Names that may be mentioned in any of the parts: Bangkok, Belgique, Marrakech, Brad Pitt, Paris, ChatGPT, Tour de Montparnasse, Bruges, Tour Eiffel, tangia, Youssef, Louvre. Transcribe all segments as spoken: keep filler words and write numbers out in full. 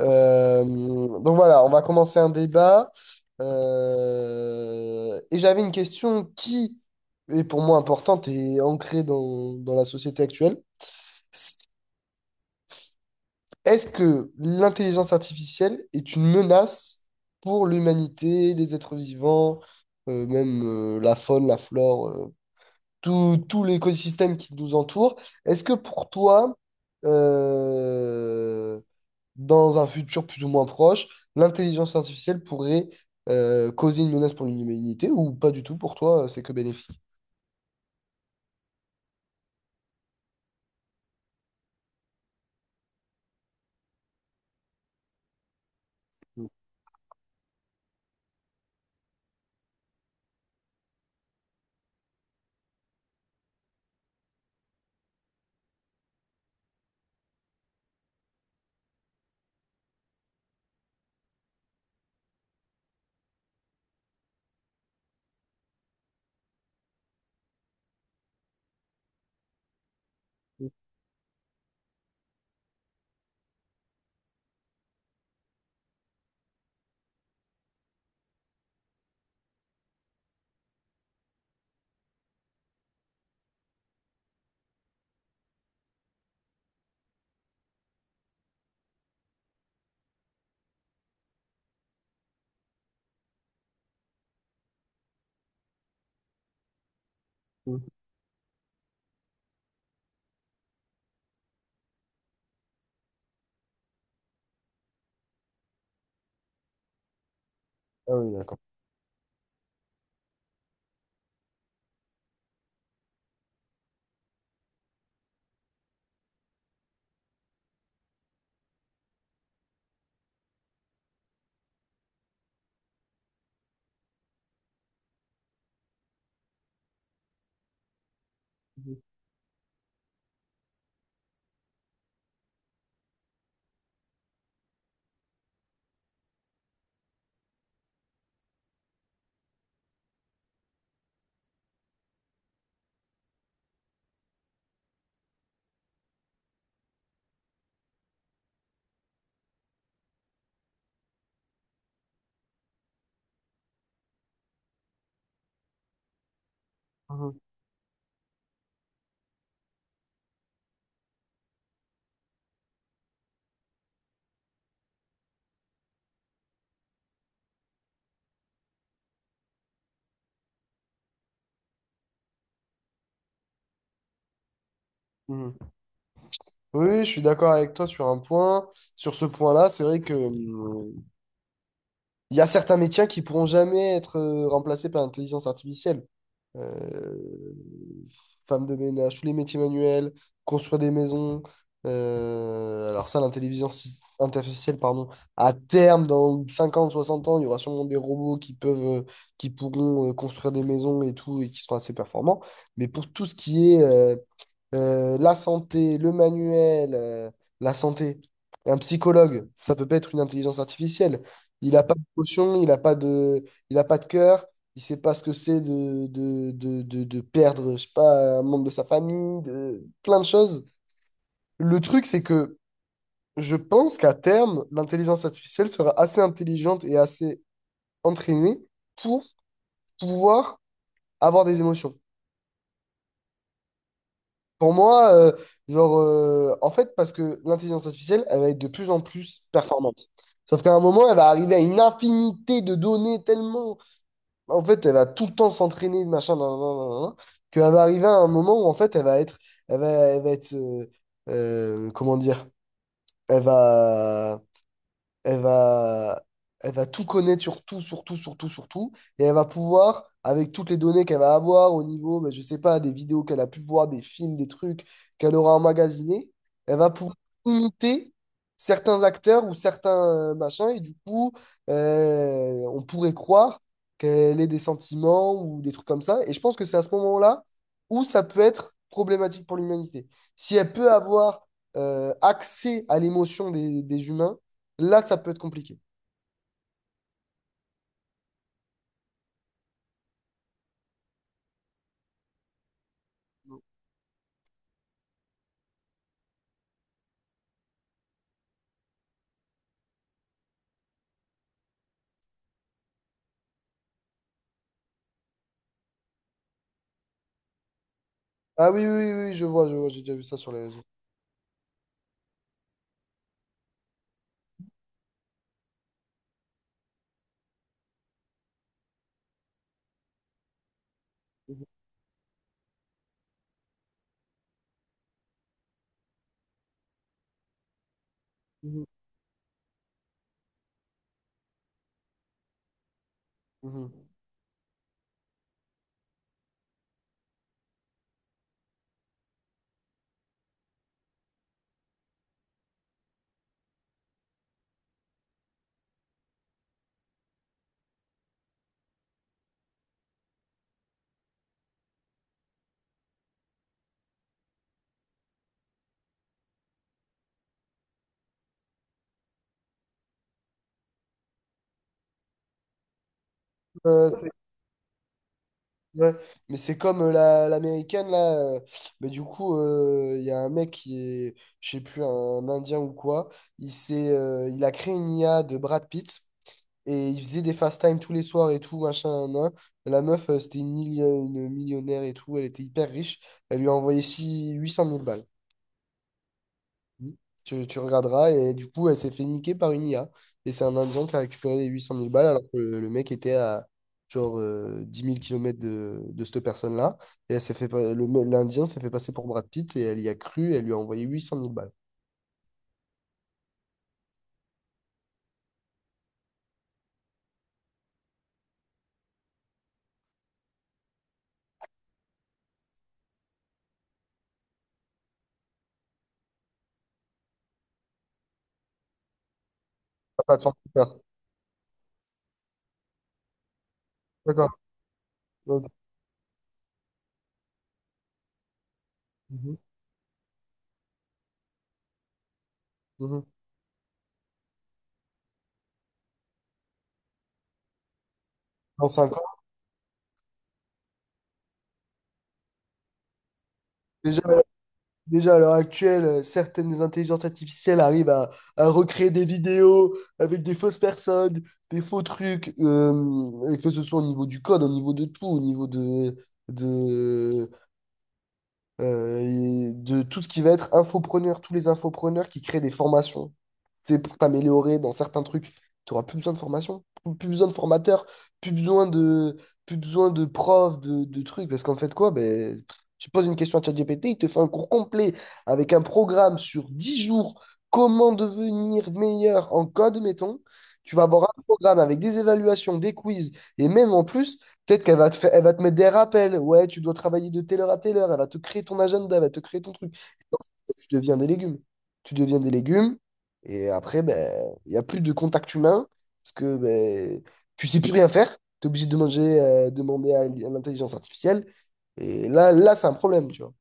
Euh, donc voilà, on va commencer un débat. Euh, et j'avais une question qui est pour moi importante et ancrée dans, dans la société actuelle. Est-ce que l'intelligence artificielle est une menace pour l'humanité, les êtres vivants, euh, même euh, la faune, la flore, euh, tout, tout l'écosystème qui nous entoure? Est-ce que pour toi, euh, dans un futur plus ou moins proche, l'intelligence artificielle pourrait euh, causer une menace pour l'humanité ou pas du tout pour toi, euh, c'est que bénéfique. Mhm. Ah oui, d'accord. Mhm. Mhm. Oui, je suis d'accord avec toi sur un point. Sur ce point-là, c'est vrai que mmh, il y a certains métiers qui pourront jamais être euh, remplacés par l'intelligence artificielle. Euh, femme de ménage, tous les métiers manuels, construire des maisons. Euh, alors ça, l'intelligence artificielle, pardon, à terme, dans cinquante soixante ans, il y aura sûrement des robots qui peuvent, euh, qui pourront euh, construire des maisons et tout, et qui seront assez performants. Mais pour tout ce qui est euh, euh, la santé, le manuel, euh, la santé. Un psychologue, ça peut pas être une intelligence artificielle. Il n'a pas de il n'a pas de, il a pas de cœur, il sait pas ce que c'est de, de, de, de, de perdre, je sais pas, un membre de sa famille, de, plein de choses. Le truc, c'est que je pense qu'à terme, l'intelligence artificielle sera assez intelligente et assez entraînée pour pouvoir avoir des émotions. Pour moi, euh, genre, euh, en fait, parce que l'intelligence artificielle, elle va être de plus en plus performante. Sauf qu'à un moment, elle va arriver à une infinité de données tellement. En fait, elle va tout le temps s'entraîner, machin, nan, nan, nan, nan, nan, qu'elle va arriver à un moment où, en fait, elle va être. Elle va, elle va être. Euh, euh, comment dire? Elle va elle va, elle va tout connaître sur tout, sur tout, sur tout, sur tout. Et elle va pouvoir, avec toutes les données qu'elle va avoir au niveau, ben, je sais pas, des vidéos qu'elle a pu voir, des films, des trucs qu'elle aura emmagasinés, elle va pouvoir imiter certains acteurs ou certains euh, machins. Et du coup, euh, on pourrait croire qu'elle ait des sentiments ou des trucs comme ça. Et je pense que c'est à ce moment-là où ça peut être problématique pour l'humanité. Si elle peut avoir euh, accès à l'émotion des des humains, là, ça peut être compliqué. Ah oui, oui, oui, oui, je vois, je vois, J'ai déjà vu ça sur les réseaux. Mhm, mhm, mhm. Euh, c'est- ouais. Mais c'est comme euh, la, l'américaine, là. Euh, mais du coup, euh, il y a un mec qui est, je sais plus, un Indien ou quoi. Il s'est, euh, il a créé une I A de Brad Pitt et il faisait des fast time tous les soirs et tout, machin, nan, nan. La meuf, euh, c'était une, milli- une millionnaire et tout. Elle était hyper riche. Elle lui a envoyé six- huit cent mille balles. Mmh. Tu, tu regarderas. Et du coup, elle s'est fait niquer par une I A. Et c'est un Indien qui a récupéré les huit cent mille balles alors que le mec était à genre euh, dix mille km de, de cette personne-là. Et elle s'est fait, pas- le, me- l'Indien s'est fait passer pour Brad Pitt et elle y a cru. Et elle lui a envoyé huit cent mille balles. Ah, pas de cent mille balles. D'accord. Ok. Mhm. Mhm. Dans cinq ans. Déjà, déjà, à l'heure actuelle, euh, certaines intelligences artificielles arrivent à, à recréer des vidéos avec des fausses personnes, des faux trucs, euh, et que ce soit au niveau du code, au niveau de tout, au niveau de, de, euh, et de tout ce qui va être infopreneur, tous les infopreneurs qui créent des formations t'es pour t'améliorer dans certains trucs, tu n'auras plus besoin de formation, plus besoin de formateur, plus besoin de, plus besoin de profs, de, de trucs. Parce qu'en fait, quoi, ben, tu poses une question à ChatGPT, il te fait un cours complet avec un programme sur dix jours, comment devenir meilleur en code, mettons. Tu vas avoir un programme avec des évaluations, des quiz, et même en plus, peut-être qu'elle va te faire, elle va te mettre des rappels. Ouais, tu dois travailler de telle heure à telle heure, elle va te créer ton agenda, elle va te créer ton truc. Et en fait, tu deviens des légumes. Tu deviens des légumes, et après, ben, il n'y a plus de contact humain parce que ben, tu sais plus rien faire. Tu es obligé de manger, euh, demander à l- à l'intelligence artificielle. Et là, là c'est un problème, tu vois.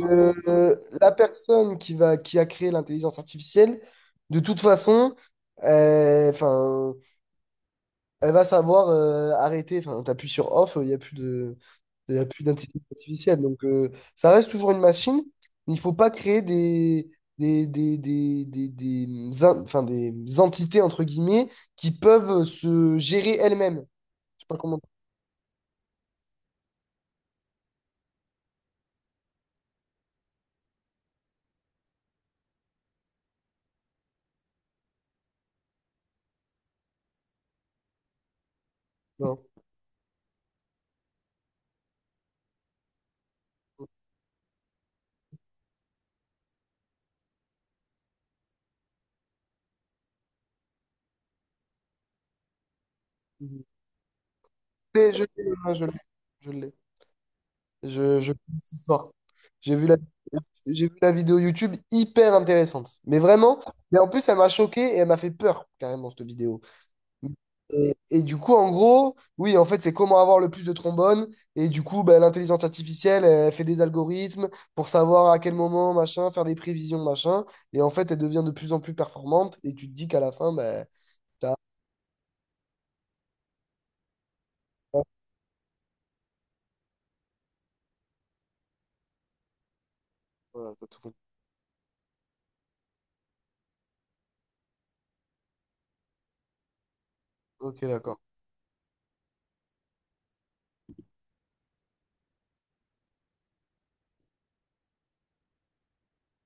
Euh, la personne qui va, qui a créé l'intelligence artificielle, de toute façon, euh, enfin, elle va savoir euh, arrêter. Enfin, t'appuies sur off, il n'y a plus de, il y a plus d'intelligence artificielle. Donc, euh, ça reste toujours une machine, mais il ne faut pas créer des, des, des, des, des, des in- enfin, des entités, entre guillemets, qui peuvent se gérer elles-mêmes. Je sais pas comment. Non. Mhm. Mais je l'ai, hein, je l'ai. Je l'ai. Je, je connais cette histoire. J'ai vu la, j'ai vu la vidéo YouTube hyper intéressante. Mais vraiment, mais en plus, elle m'a choqué et elle m'a fait peur, carrément, cette vidéo. Mm. Et, et du coup, en gros, oui, en fait, c'est comment avoir le plus de trombones. Et du coup, ben, l'intelligence artificielle, elle fait des algorithmes pour savoir à quel moment, machin, faire des prévisions, machin. Et en fait, elle devient de plus en plus performante. Et tu te dis qu'à la fin, ben, t'as... Voilà, t'as tout compris. Ok, d'accord.